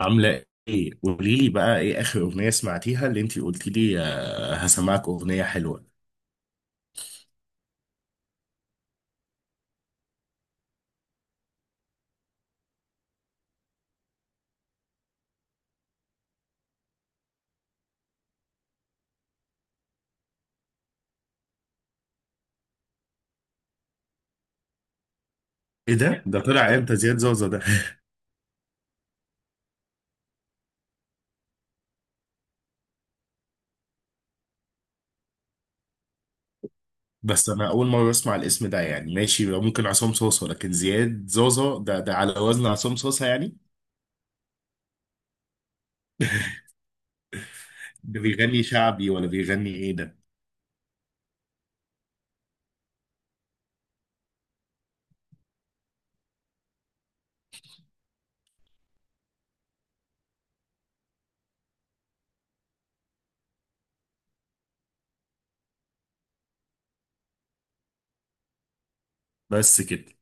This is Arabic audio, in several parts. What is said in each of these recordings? عاملة ايه؟ قولي لي بقى ايه اخر اغنية سمعتيها اللي انتي قلتي لي هسمعك اغنية حلوة. ايه ده؟ ده طلع امتى زياد زوزة ده؟ بس انا اول مرة اسمع الاسم ده، يعني ماشي، ممكن عصام صوصة، لكن زياد زوزة ده، ده على وزن عصام صوصة يعني؟ ده بيغني شعبي ولا بيغني ايه ده؟ بس كده.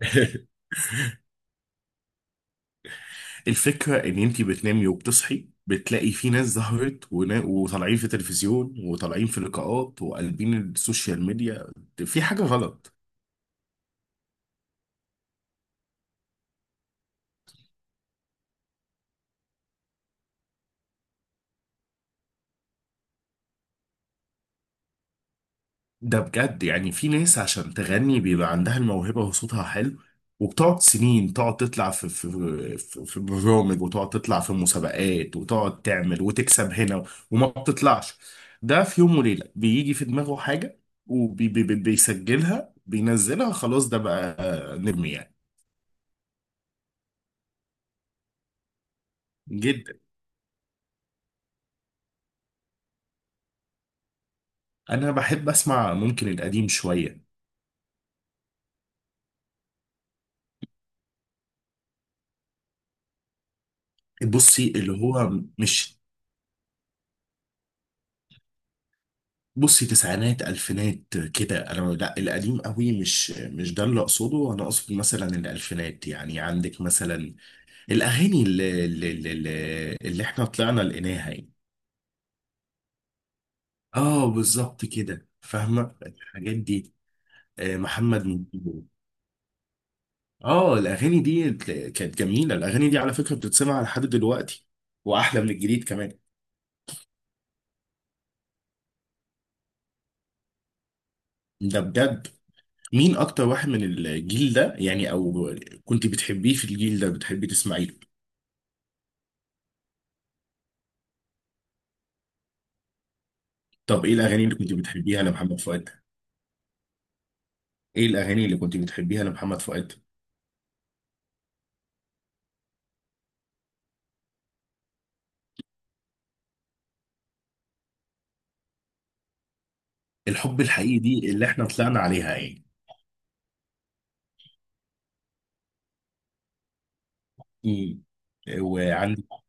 الفكرة ان انتي بتنامي وبتصحي بتلاقي في ناس ظهرت وطالعين في تلفزيون وطالعين في لقاءات وقلبين السوشيال ميديا. في حاجة غلط. ده بجد، يعني في ناس عشان تغني بيبقى عندها الموهبة وصوتها حلو وبتقعد سنين تقعد تطلع في برامج وتقعد تطلع في مسابقات وتقعد تعمل وتكسب هنا وما بتطلعش. ده في يوم وليلة بيجي في دماغه حاجة وبيسجلها بينزلها، خلاص ده بقى نجم يعني. جدا. انا بحب اسمع، ممكن القديم شوية. بصي اللي هو مش بصي تسعينات الفينات كده، انا لا القديم قوي، مش ده اللي اقصده، انا اقصد مثلا الالفينات، يعني عندك مثلا الاغاني اللي احنا طلعنا لقيناها يعني. اه بالظبط كده، فاهمه الحاجات دي. محمد منير. اه الاغاني كانت جميله، الاغاني دي على فكره بتتسمع لحد دلوقتي واحلى من الجديد كمان. ده بجد، مين اكتر واحد من الجيل ده يعني، او كنت بتحبيه في الجيل ده بتحبي تسمعيه؟ طب ايه الاغاني اللي كنت بتحبيها لمحمد فؤاد؟ ايه الاغاني اللي كنت بتحبيها لمحمد فؤاد؟ الحب الحقيقي دي اللي احنا طلعنا عليها يعني. امم. وعندك،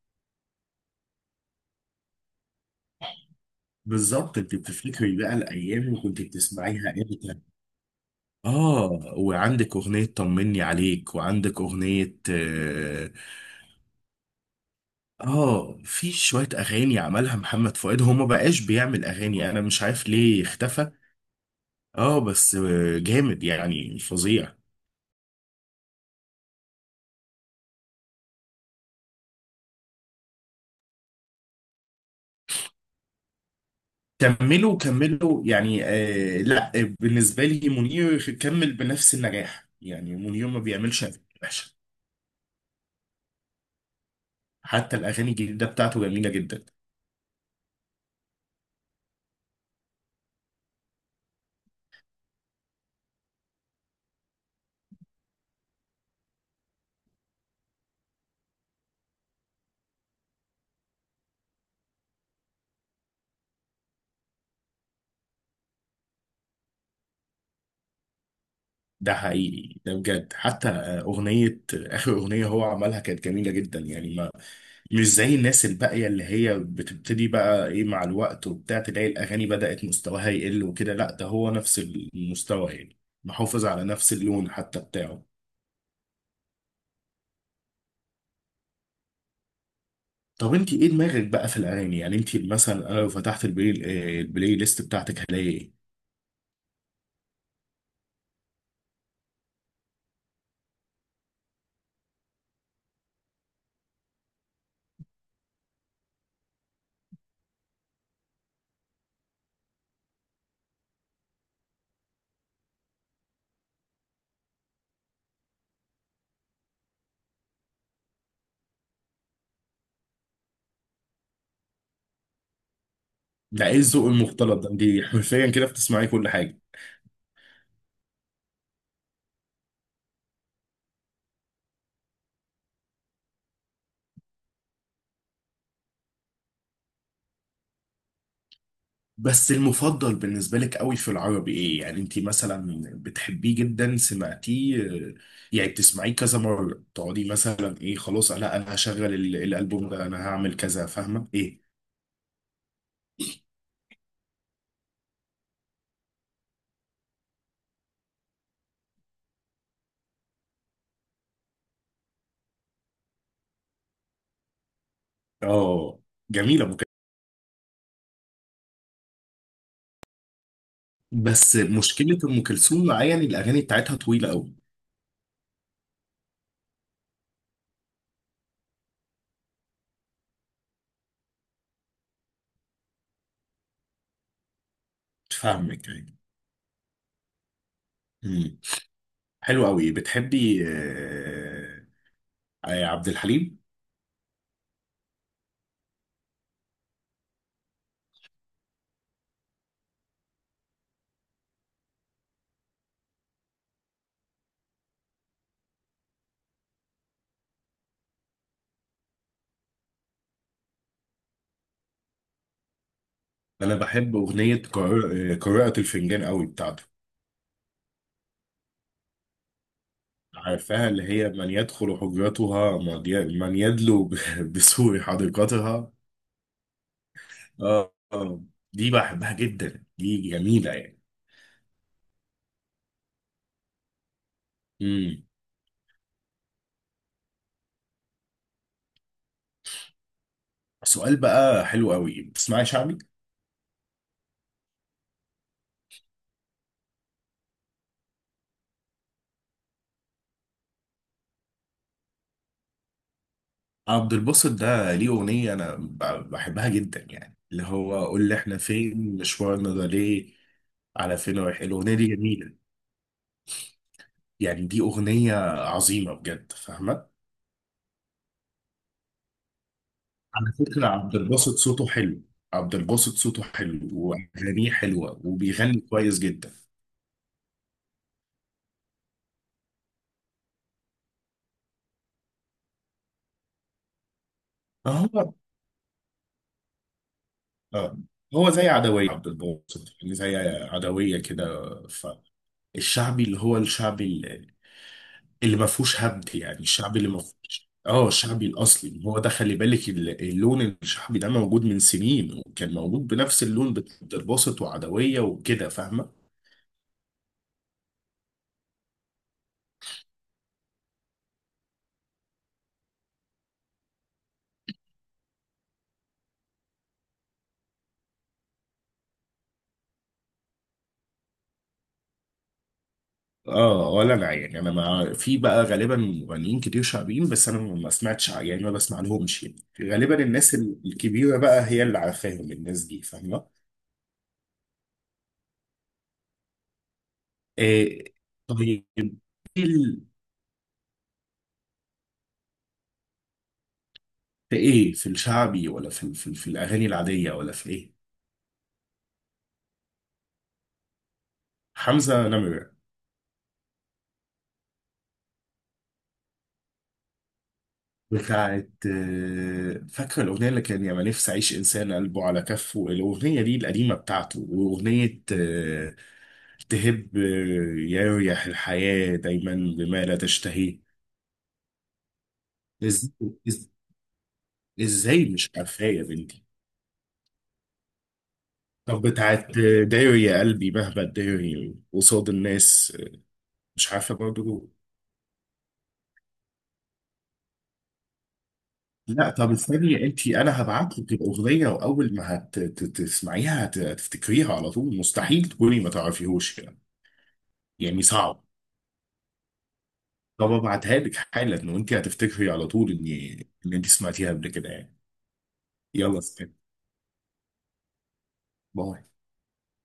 بالظبط انت بتفتكري بقى الايام اللي كنت بتسمعيها امتى. اه. وعندك اغنيه طمني عليك، وعندك اغنيه اه في شويه اغاني عملها محمد فؤاد، هو ما بقاش بيعمل اغاني، انا مش عارف ليه اختفى. اه بس جامد يعني، فظيع. كملوا يعني آه لا، بالنسبة لي منير كمل بنفس النجاح، يعني منير ما بيعملش أغاني وحشة. حتى الأغاني الجديدة بتاعته جميلة جدا. ده حقيقي، ده بجد. حتى أغنية، آخر أغنية هو عملها كانت جميلة جدا، يعني ما، مش زي الناس الباقية اللي هي بتبتدي بقى إيه مع الوقت وبتاع، تلاقي الأغاني بدأت مستواها يقل وكده. لا ده هو نفس المستوى يعني، محافظ على نفس اللون حتى بتاعه. طب انت ايه دماغك بقى في الاغاني، يعني انت مثلا، انا لو فتحت البلاي البلاي ليست بتاعتك هلاقي ايه؟ ده ايه الذوق المختلط ده، انت حرفيا كده بتسمعي كل حاجه. بس المفضل بالنسبه لك قوي في العربي ايه، يعني انت مثلا بتحبيه جدا، سمعتيه آه، يعني بتسمعيه كذا مره، تقعدي مثلا ايه خلاص، لا انا هشغل الالبوم ده، انا هعمل كذا، فاهمه ايه؟ اه جميله ام كلثوم. بس مشكله ام كلثوم معايا ان الاغاني بتاعتها طويله قوي. فاهمك يعني. حلو قوي، بتحبي عبد الحليم؟ انا بحب اغنيه قراءه آه، قراءة الفنجان قوي بتاعته. عارفاها اللي هي من يدخل حجرتها، من يدلو بسور حديقتها. اه آه. دي بحبها جدا، دي جميله يعني. امم. سؤال بقى حلو قوي، بتسمعي شعبي؟ عبد الباسط ده ليه اغنيه انا بحبها جدا، يعني اللي هو قول لي احنا فين مشوارنا ده ليه. على فين رايح، الاغنيه دي جميله يعني، دي أغنية عظيمة بجد، فاهمة. على فكرة عبد الباسط صوته حلو. عبد الباسط صوته حلو وأغانيه حلوة وبيغني كويس جدا. اه اه. هو زي عدوية عبد الباسط، يعني زي عدوية كده. فالشعبي اللي هو الشعبي، اللي اللي ما فيهوش هبد، يعني الشعبي اللي ما فيهوش اه، الشعبي الأصلي هو ده، خلي بالك اللون الشعبي ده موجود من سنين، وكان موجود بنفس اللون بتاع عبد الباسط وعدوية وكده، فاهمة. اه ولا انا يعني، انا ما في بقى غالبا مغنيين كتير شعبيين، بس انا ما سمعتش يعني ما بسمع لهمش يعني. غالبا الناس الكبيره بقى هي اللي عارفاهم الناس دي، فاهمه. إيه. طيب، في في ايه، في الشعبي ولا في في الاغاني العاديه ولا في ايه؟ حمزه نمره. بتاعت فاكره الاغنيه اللي كان يا ما نفسي اعيش انسان قلبه على كفه، الاغنيه دي القديمه بتاعته، واغنيه تهب، يريح الحياة دايما بما لا تشتهيه. إز... إز... ازاي مش عارفاه يا بنتي؟ طب بتاعت داري يا قلبي مهما تداري قصاد الناس؟ مش عارفة برضه. لا طب استني انت، انا هبعت لك الاغنيه، واول ما تسمعيها هتفتكريها على طول، مستحيل تكوني ما تعرفيهوش يعني. يعني صعب. طب ابعتها لك حالا وانت هتفتكري على طول ان انت سمعتيها قبل كده يعني. يلا سلام. باي.